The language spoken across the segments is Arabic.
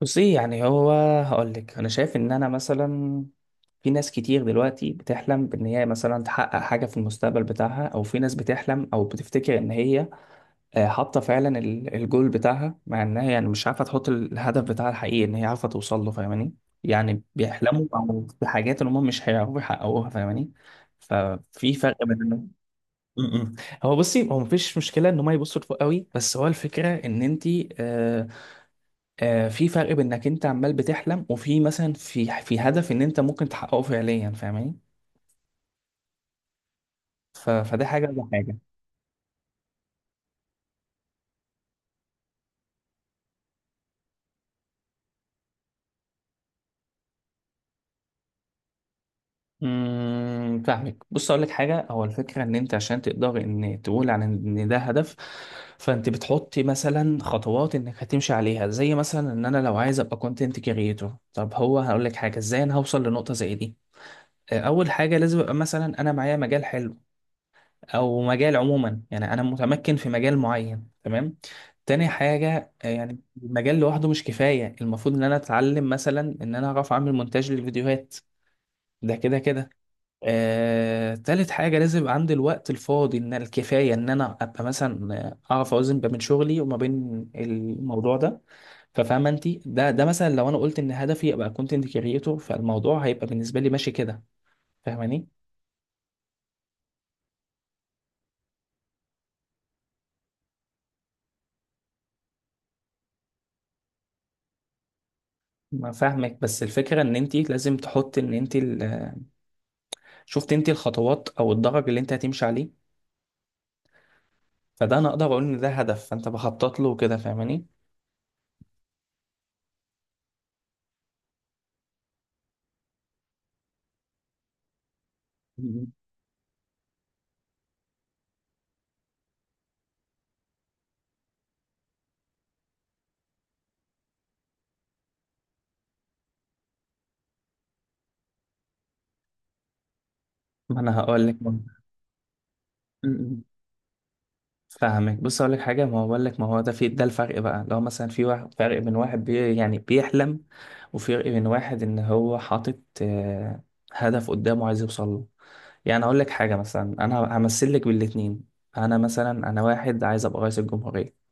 بصي يعني هو هقول لك انا شايف ان انا مثلا في ناس كتير دلوقتي بتحلم بان هي مثلا تحقق حاجه في المستقبل بتاعها او في ناس بتحلم او بتفتكر ان هي حاطه فعلا الجول بتاعها مع انها يعني مش عارفه تحط الهدف بتاعها الحقيقي ان هي عارفه توصل له فاهماني، يعني بيحلموا او بحاجات ان هم مش هيعرفوا يحققوها فاهماني. ففي فرق بين إنه- م- م. هو بصي هو مفيش مشكله ان هم يبصوا لفوق قوي، بس هو الفكره ان انت آه، في فرق بين انك انت عمال بتحلم وفي مثلا في هدف ان انت ممكن تحققه فعليا فاهماني. فده حاجه وده حاجه. فاهمك، بص اقول لك حاجه، هو الفكره ان انت عشان تقدر ان تقول عن ان ده هدف فانت بتحط مثلا خطوات انك هتمشي عليها، زي مثلا ان انا لو عايز ابقى كونتنت كريتور. طب هو هقول لك حاجه، ازاي انا هوصل لنقطه زي دي؟ اول حاجه لازم ابقى مثلا انا معايا مجال حلو، او مجال عموما يعني انا متمكن في مجال معين، تمام؟ تاني حاجة، يعني المجال لوحده مش كفاية، المفروض ان انا اتعلم مثلا ان انا اعرف اعمل مونتاج للفيديوهات، ده كده كده. تالت حاجة لازم يبقى عندي الوقت الفاضي ان الكفاية، ان انا ابقى مثلا اعرف اوزن بين شغلي وما بين الموضوع ده. ففاهمة انت؟ ده مثلا لو انا قلت ان هدفي ابقى كونتنت كريتور فالموضوع هيبقى بالنسبة لي ماشي كده، فاهماني. ما فاهمك، بس الفكرة ان انت لازم تحط ان انت شفت انت الخطوات او الدرج اللي انت هتمشي عليه. فده انا اقدر اقول ان ده هدف، فانت بخطط له كده، فاهماني. مم. ما انا هقول لك برضه. مم. فاهمك، بص اقول لك حاجه، ما هو بقول لك ما هو ده ده الفرق بقى، لو مثلا في واحد، فرق بين واحد يعني بيحلم وفرق بين واحد ان هو حاطط هدف قدامه عايز يوصل له. يعني اقول لك حاجه، مثلا انا همثل لك بالاتنين. انا مثلا انا واحد عايز ابقى رئيس الجمهوريه،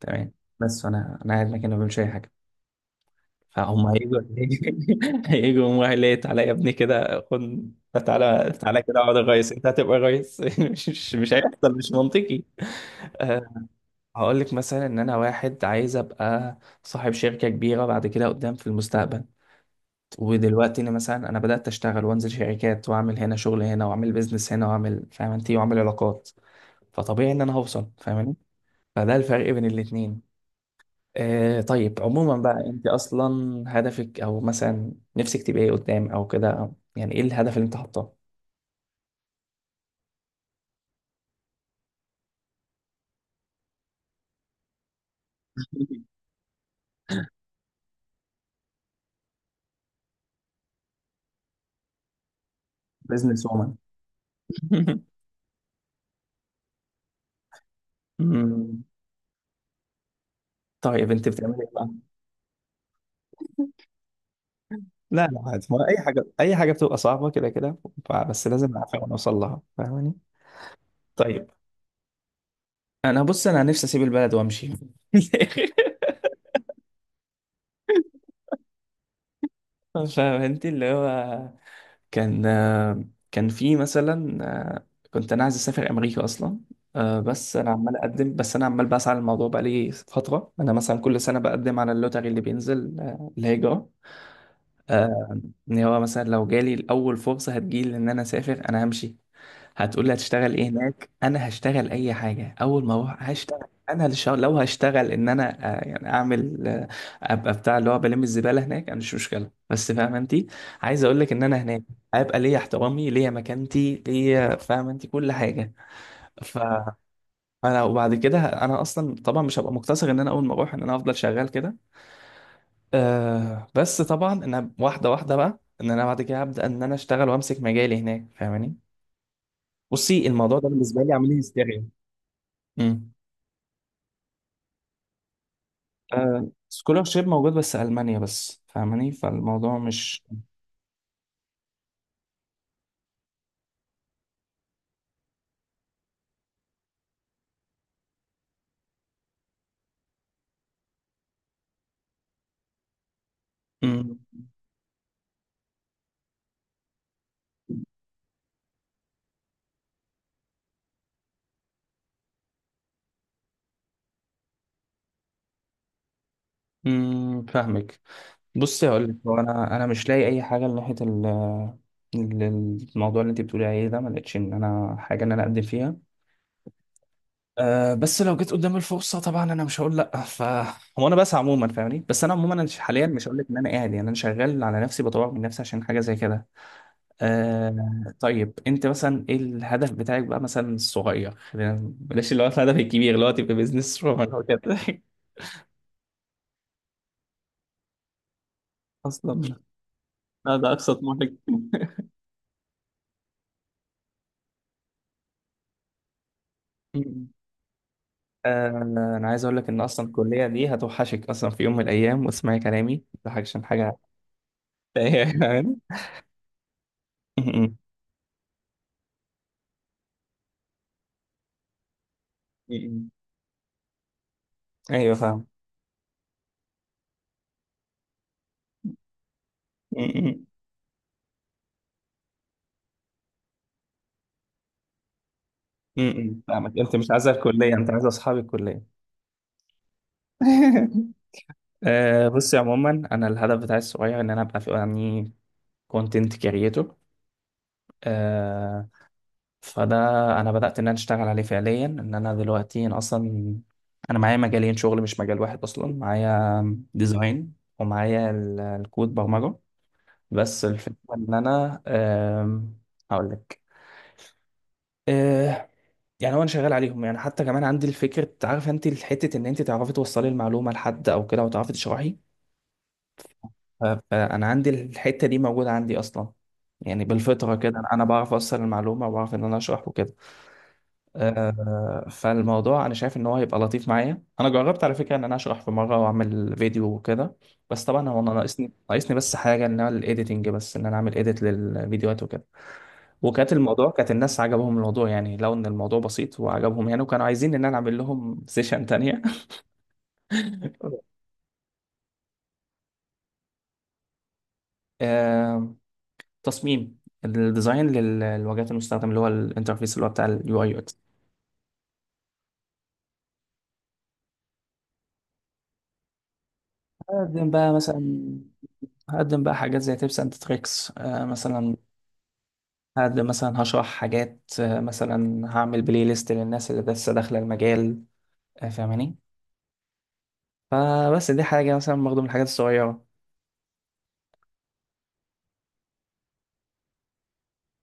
تمام، بس انا قاعد مكاني ما بعملش اي حاجه، فهم هيجوا هيجوا هم قال لي تعالى يا ابني كده خد، تعالى تعالى كده اقعد غيص انت هتبقى غيص؟ مش هيحصل، مش منطقي. أه، هقول لك مثلا ان انا واحد عايز ابقى صاحب شركه كبيره بعد كده قدام في المستقبل، ودلوقتي انا مثلا انا بدات اشتغل وانزل شركات واعمل هنا شغل هنا واعمل بيزنس هنا واعمل فاهم انت واعمل علاقات، فطبيعي ان انا هوصل، فاهماني. فده الفرق بين الاتنين. آه، طيب عموما بقى انت اصلا هدفك او مثلا نفسك تبقى ايه قدام او كده، أو يعني ايه الهدف اللي انت حاطاه؟ بزنس وومن؟ مم. طيب انت بتعملي ايه بقى؟ لا لا عادي، ما اي حاجه، اي حاجه بتبقى صعبه كده كده. بس لازم نعرفها ونوصل لها، فاهماني؟ طيب انا، بص انا نفسي اسيب البلد وامشي. فاهم انت، اللي هو كان كان في مثلا آه، كنت انا عايز اسافر امريكا اصلا. بس انا عمال اقدم، بس انا عمال بسعى للموضوع بقالي فتره، انا مثلا كل سنه بقدم على اللوتري اللي بينزل، الهجره. آه، ان هو مثلا لو جالي الاول فرصه هتجيلي ان انا اسافر انا همشي. هتقول لي هتشتغل ايه هناك؟ انا هشتغل اي حاجه، اول ما اروح هشتغل. انا لو هشتغل ان انا يعني اعمل ابقى بتاع اللي هو بلم الزباله هناك، انا مش مشكله، بس فاهم انت، عايز اقول لك ان انا هناك هيبقى ليا احترامي، ليا مكانتي ليا، فاهم انت، كل حاجه. ف فانا وبعد كده انا اصلا طبعا مش هبقى مقتصر ان انا اول ما اروح ان انا افضل شغال كده، أه، بس طبعا انا واحده واحده بقى ان انا بعد كده هبدا ان انا اشتغل وامسك مجالي هناك، فاهماني. بصي الموضوع ده بالنسبه لي عامل لي هستيريا. امم آه سكولارشيب موجود بس ألمانيا بس، فاهماني، فالموضوع مش... امم فاهمك. بصي هقول لك، هو انا مش لاقي اي حاجه ناحيه ال- الموضوع اللي انت بتقولي عليه ده، ما لقيتش ان انا حاجه ان انا اقدم فيها. أه بس لو جيت قدام الفرصه طبعا انا مش هقول لا. ف هو انا بس عموما فاهمني، بس انا عموما أنا حاليا مش هقول لك ان انا قاعد، يعني انا شغال على نفسي بطور من نفسي عشان حاجه زي كده. آه، طيب انت مثلا ايه الهدف بتاعك بقى، مثلا الصغير، بلاش اللي هو الهدف الكبير اللي هو تبقى بيزنس رومان او كده. اصلا؟ ده ده اقصى طموحك؟ مم. آه، انا عايز اقول لك ان اصلا الكليه دي هتوحشك اصلا في يوم من الايام، واسمعي كلامي ده حاجه عشان حاجه. يعني مم. مم. ايوه فاهم. مم. مم. فاهمك، انت مش عايزه الكليه، انت عايزه اصحاب الكليه. آه، بصي عموما انا الهدف بتاعي الصغير ان انا ابقى في يعني كونتنت كريتور. آه، فده انا بدأت ان انا اشتغل عليه فعليا، ان انا دلوقتي أنا اصلا انا معايا مجالين شغل مش مجال واحد، اصلا معايا ديزاين ومعايا الكود برمجة. بس الفكرة ان انا، هقول لك، آه يعني هو انا شغال عليهم، يعني حتى كمان عندي الفكرة، عارف انت الحتة ان انت تعرفي توصلي المعلومة لحد او كده وتعرفي تشرحي. ف- فانا عندي الحتة دي موجودة عندي اصلا، يعني بالفطرة كده انا بعرف اوصل المعلومة وبعرف ان انا اشرح وكده. فالموضوع انا شايف ان هو هيبقى لطيف معايا، انا جربت على فكره ان انا اشرح في مره واعمل فيديو وكده، بس طبعا هو انا ناقصني بس حاجه، ان انا الايديتنج، بس ان انا اعمل ايديت للفيديوهات وكده. وكانت الموضوع كانت الناس عجبهم الموضوع، يعني لو ان الموضوع بسيط وعجبهم يعني، وكانوا عايزين ان انا اعمل لهم سيشن تانية. آه، تصميم، الديزاين للواجهات المستخدم اللي هو الانترفيس اللي هو بتاع اليو اي يو اكس. هقدم بقى مثلا، هقدم بقى حاجات زي تيبس اند تريكس مثلا، هاد مثلا هشرح حاجات، مثلا هعمل بلاي ليست للناس اللي لسه داخله المجال، فاهماني. فبس دي حاجه مثلا برضه من الحاجات الصغيره.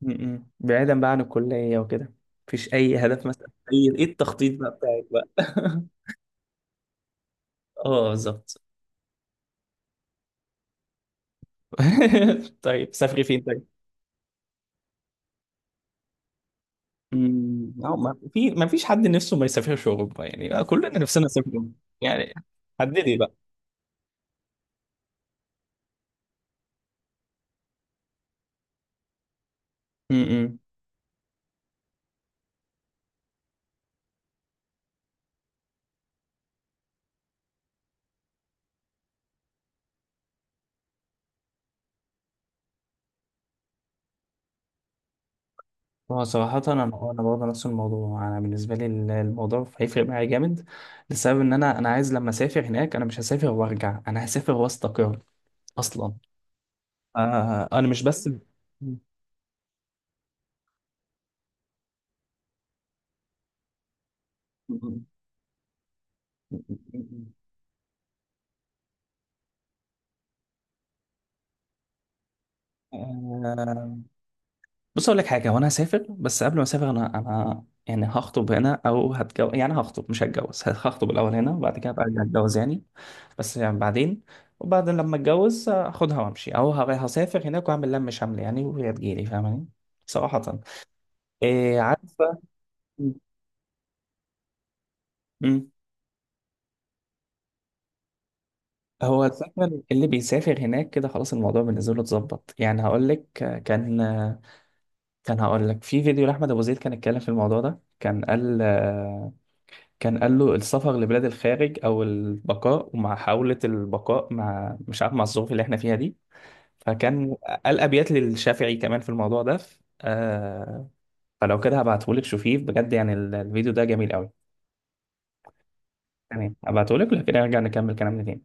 م- م. بعيدا بقى عن الكليه وكده مفيش اي هدف مثلا؟ اي ايه التخطيط بقى بتاعك بقى؟ اه بالظبط. طيب سافري فين طيب؟ مم، أو ما في ما فيش حد نفسه ما يسافرش اوروبا، يعني بقى كلنا نفسنا نسافر يعني، حددي بقى. م- م. هو صراحة أنا برضه نفس الموضوع، أنا بالنسبة لي الموضوع هيفرق معايا جامد، لسبب إن أنا عايز لما أسافر هناك أنا مش هسافر وأرجع، أنا هسافر وأستقر أصلا. آه أنا مش بس... آه بص اقول لك حاجه، وانا هسافر بس قبل ما اسافر انا، يعني هخطب هنا او هتجوز، يعني هخطب مش هتجوز، هخطب الاول هنا وبعد كده ابقى ارجع اتجوز يعني، بس يعني بعدين، وبعدين لما اتجوز هاخدها وامشي، او هسافر هناك واعمل لم شمل يعني وهي تجيلي، فاهماني، صراحه، إيه عارفه. م- م. هو الفكره، اللي بيسافر هناك كده خلاص الموضوع بالنسبه له اتظبط، يعني هقول لك، كان كان هقول لك في فيديو لاحمد ابو زيد كان اتكلم في الموضوع ده، كان قال له السفر لبلاد الخارج او البقاء، ومع محاوله البقاء مع مش عارف مع الظروف اللي احنا فيها دي، فكان قال ابيات للشافعي كمان في الموضوع ده، فلو كده هبعتهولك شوفيه بجد، يعني الفيديو ده جميل قوي. تمام هبعتهولك لو كده، نرجع نكمل كلامنا تاني.